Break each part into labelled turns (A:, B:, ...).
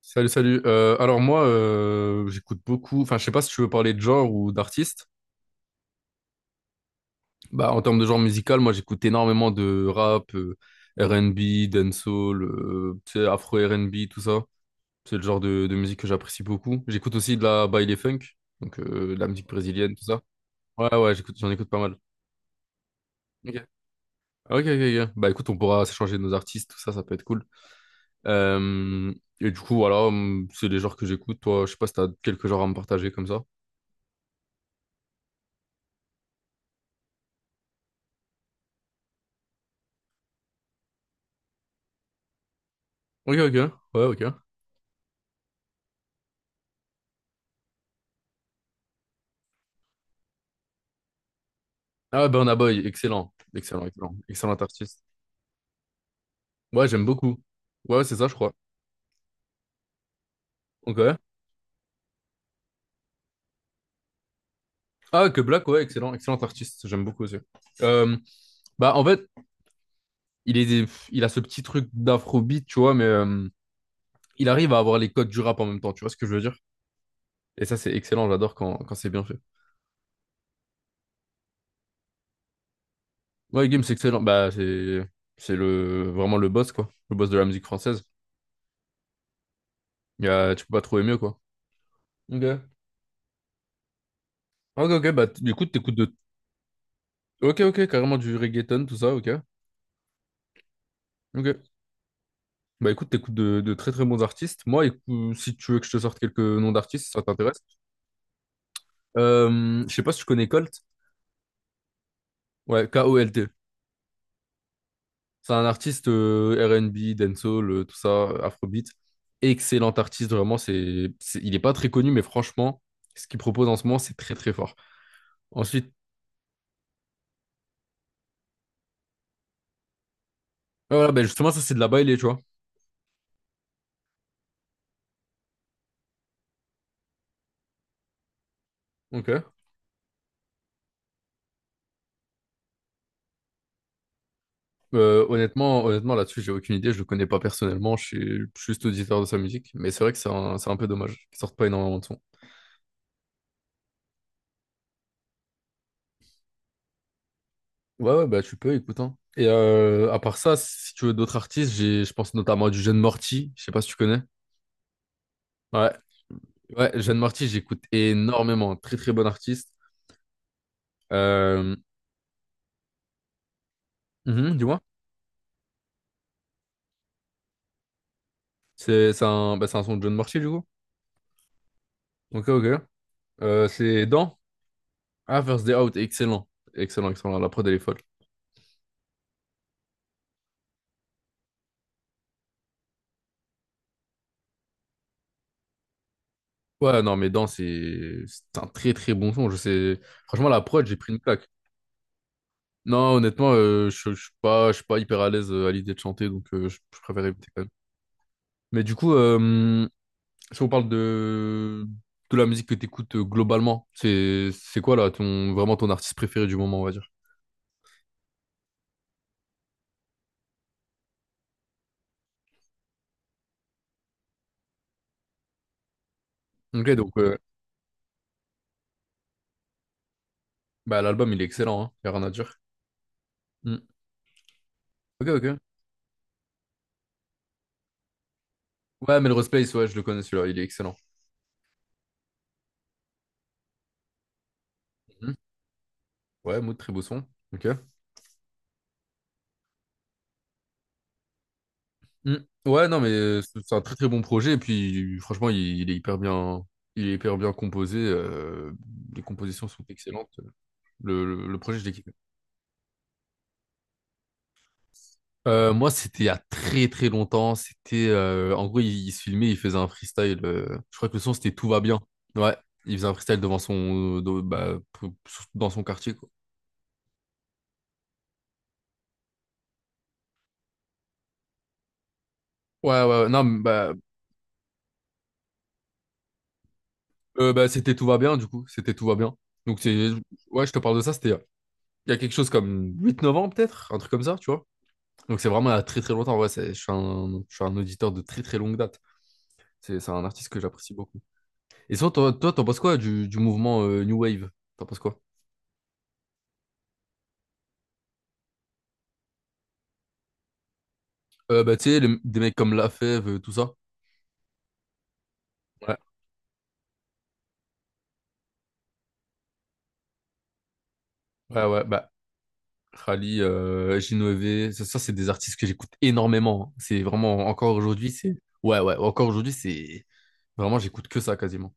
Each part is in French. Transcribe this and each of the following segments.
A: Salut, salut. Alors moi, j'écoute beaucoup. Enfin, je sais pas si tu veux parler de genre ou d'artiste. Bah, en termes de genre musical, moi, j'écoute énormément de rap, R&B, dancehall, tu sais, afro R&B, tout ça. C'est le genre de musique que j'apprécie beaucoup. J'écoute aussi de la baile funk, donc de la musique brésilienne, tout ça. Ouais, ouais, j'écoute, j'en écoute pas mal. Ok. Ok, ok, ok. Bah écoute, on pourra s'échanger nos artistes, tout ça, ça peut être cool. Euh, et du coup, voilà, c'est les genres que j'écoute. Toi, je sais pas si t'as quelques genres à me partager comme ça. Ok, ok, ouais, ok. Ah, ouais, Burna Boy, excellent. Excellent, excellent. Excellent artiste. Ouais, j'aime beaucoup. Ouais, ouais, c'est ça, je crois. Ok. Ah, que Black, ouais, excellent. Excellent artiste. J'aime beaucoup aussi. Euh, Bah, en fait, il est, il a ce petit truc d'afrobeat, tu vois, mais il arrive à avoir les codes du rap en même temps. Tu vois ce que je veux dire? Et ça, c'est excellent. J'adore quand c'est bien fait. Ouais, Gims, c'est excellent. Bah, c'est le, vraiment le boss, quoi. Le boss de la musique française. Tu peux pas trouver mieux, quoi. Ok. Ok, ok. Bah, du coup, t'écoutes de. Ok, ok. Carrément du reggaeton, tout ça, ok. Ok. Bah écoute, t'écoutes de très très bons artistes. Moi, si tu veux que je te sorte quelques noms d'artistes, ça t'intéresse. Je sais pas si tu connais Colt. Ouais, K-O-L-T. C'est un artiste R and B, dancehall, tout ça, afrobeat. Excellent artiste, vraiment. Il est pas très connu, mais franchement, ce qu'il propose en ce moment, c'est très très fort. Ensuite, ouais, voilà, ben justement, ça c'est de la baile, tu vois. Ok. Honnêtement, là-dessus, j'ai aucune idée. Je le connais pas personnellement. Je suis juste auditeur de sa musique, mais c'est vrai que c'est un peu dommage qu'il sorte pas énormément de son. Ouais, ouais, bah tu peux, écoute. Hein. Et à part ça, si tu veux d'autres artistes, je pense notamment à du Jeune Morty. Je sais pas si tu connais. Ouais, ouais, Jeune Morty, j'écoute énormément. Très, très bon artiste. Euh, mhm, dis-moi. C'est un, bah, c'est un son de Jeune Morty, du coup. Ok, ok. C'est dans. Ah, First Day Out, excellent. Excellent, excellent. La prod, elle est folle. Ouais, non, mais dans, c'est un très, très bon son. Je sais. Franchement, la prod, j'ai pris une plaque. Non, honnêtement, je suis pas hyper à l'aise à l'idée de chanter, donc je préfère éviter. Mais du coup, si on parle de la musique que tu écoutes globalement, c'est quoi là ton vraiment ton artiste préféré du moment, on va dire. Ok, donc bah, l'album il est excellent, hein, y a rien à dire. Hmm. Ok, ok. Ouais, Melrose Place, ouais, je le connais celui-là, il est excellent. Hmm. Ouais, Maud, très beau son. Ok. Hmm. Ouais, non, mais c'est un très très bon projet, et puis franchement, il est hyper bien. Il est hyper bien composé, les compositions sont excellentes. Le projet, je l'ai moi, c'était il y a très très longtemps. C'était en gros, il se filmait, il faisait un freestyle. Je crois que le son c'était Tout va bien. Ouais, il faisait un freestyle devant son bah, dans son quartier quoi. Ouais, ouais, ouais. Non, mais, bah, c'était Tout va bien du coup. C'était Tout va bien. Donc c'est ouais, je te parle de ça. C'était il y a quelque chose comme 8, 9 ans peut-être, un truc comme ça, tu vois. Donc c'est vraiment il y a très très longtemps. Ouais, je suis un auditeur de très très longue date. C'est un artiste que j'apprécie beaucoup. Et sinon, toi, t'en penses quoi du mouvement New Wave? T'en penses quoi? Bah, tu sais, des mecs comme Lafèvre, tout ça. Ouais, ouais, ouais, bah, Khali, Ginovè, ça, c'est des artistes que j'écoute énormément. C'est vraiment, encore aujourd'hui, c'est. Ouais, ouais, encore aujourd'hui, c'est. Vraiment, j'écoute que ça quasiment.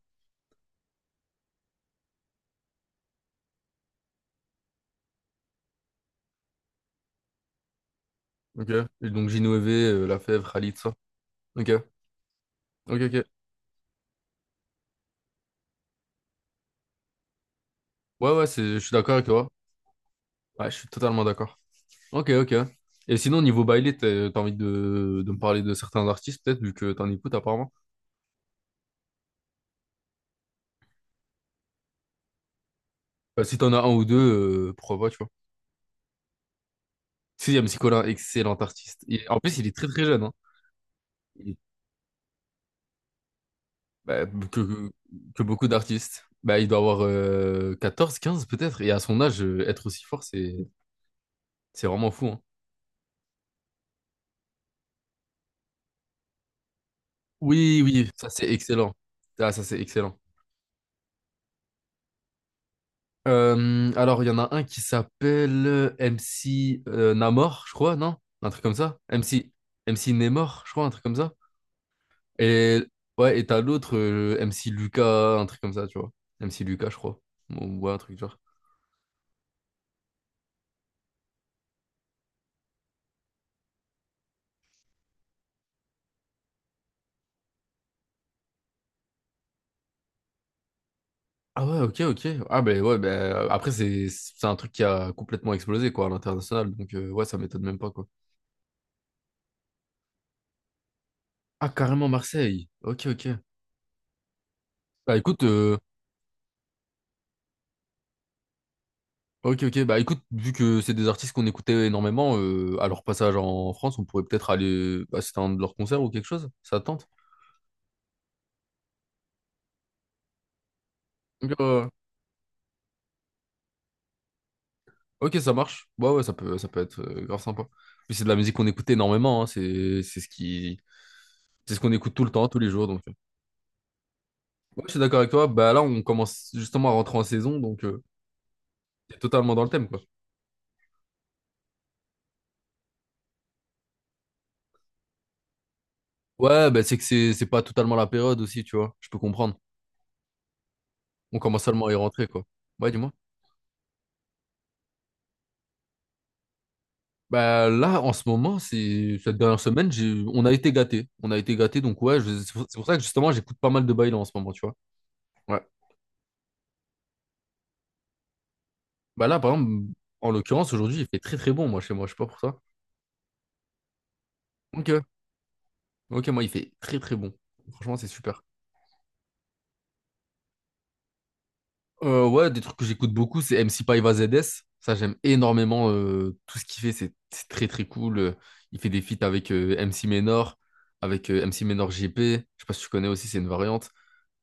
A: Ok. Et donc Ginovè, Lafèvre, Khalid, ça. Ok. Ok, ok. Ouais, ouais, Je suis d'accord avec toi. Ouais, je suis totalement d'accord. Ok, ok. Et sinon, niveau baile, t'as envie de me parler de certains artistes, peut-être, vu que t'en écoutes apparemment. Bah, si t'en as un ou deux, pourquoi pas, tu vois. Sixième, c'est Colin, excellent artiste. Et en plus, il est très très jeune, hein. Il est- Bah, que beaucoup d'artistes. Bah, il doit avoir 14, 15 peut-être. Et à son âge, être aussi fort, c'est vraiment fou. Hein. Oui, oui, ça c'est excellent. Ah, ça c'est excellent. Alors, il y en a un qui s'appelle MC Namor, je crois, non? Un truc comme ça. MC Nemor, je crois, un truc comme ça. Et ouais, et t'as l'autre, MC Lucas, un truc comme ça, tu vois. MC Lucas, je crois. Ou ouais, un truc du genre. Ah ouais, ok, ok. Ah ben ouais, ben après c'est un truc qui a complètement explosé quoi à l'international, donc ouais, ça m'étonne même pas quoi. Ah carrément Marseille. Ok, ok. Bah écoute, ok, ok. Bah écoute, vu que c'est des artistes qu'on écoutait énormément à leur passage en France, on pourrait peut-être aller assister à un de leurs concerts ou quelque chose. Ça te tente? Donc, ok, ça marche. Ouais, ouais, ça peut être grave sympa. Puis c'est de la musique qu'on écoutait énormément. Hein, c'est c'est ce qu'on écoute tout le temps, tous les jours. Donc, ouais, je suis d'accord avec toi. Bah là, on commence justement à rentrer en saison, donc. C'est totalement dans le thème, quoi. Ouais, bah, c'est que c'est pas totalement la période aussi, tu vois. Je peux comprendre. On commence seulement à y rentrer, quoi. Ouais, dis-moi. Bah, là, en ce moment, c'est cette dernière semaine, on a été gâtés. On a été gâtés, donc ouais, c'est pour ça que justement, j'écoute pas mal de bails en ce moment, tu vois. Ouais. Bah là, par exemple, en l'occurrence, aujourd'hui, il fait très très bon, moi, chez moi. Je sais pas pour toi. Ok. Ok, moi, il fait très très bon. Franchement, c'est super. Ouais, des trucs que j'écoute beaucoup, c'est MC Paiva ZS. Ça, j'aime énormément tout ce qu'il fait. C'est très, très cool. Il fait des feats avec MC Menor, avec MC Menor GP. Je sais pas si tu connais aussi, c'est une variante.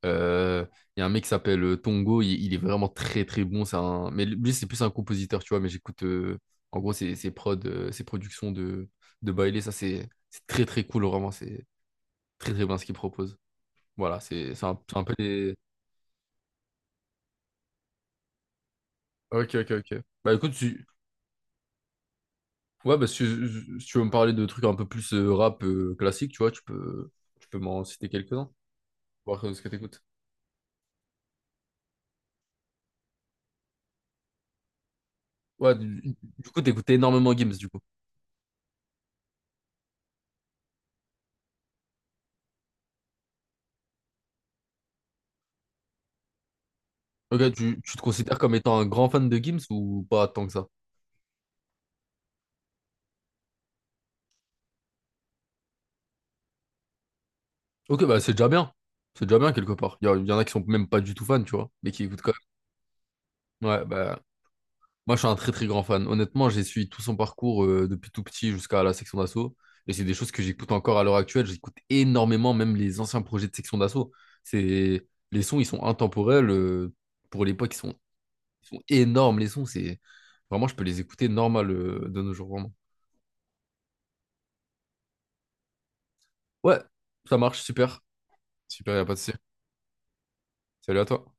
A: Euh, Il y a un mec qui s'appelle Tongo. Il est vraiment très, très bon. Mais lui, c'est plus un compositeur, tu vois. Mais j'écoute, en gros, ses prods, ses productions de Baile. Ça, c'est très, très cool. Vraiment, c'est très, très bien ce qu'il propose. Voilà, c'est un peu des... Ok, ok, ok. Bah écoute, si, Ouais, bah, si tu veux me parler de trucs un peu plus rap classique, tu vois, tu peux m'en citer quelques-uns, voir ce que t'écoutes. Ouais, du coup, t'écoutes énormément Gims, du coup. Ok, tu te considères comme étant un grand fan de Gims ou pas tant que ça? Ok, bah c'est déjà bien. C'est déjà bien quelque part. Y en a qui sont même pas du tout fans, tu vois, mais qui écoutent quand même. Ouais, bah. Moi, je suis un très très grand fan. Honnêtement, j'ai suivi tout son parcours depuis tout petit jusqu'à la section d'assaut. Et c'est des choses que j'écoute encore à l'heure actuelle. J'écoute énormément, même les anciens projets de section d'assaut. C'est... Les sons, ils sont intemporels. Pour l'époque, ils sont énormes. Les sons, c'est vraiment, je peux les écouter normal de nos jours, vraiment. Ouais, ça marche, super. Super, y a pas de souci. Salut à toi.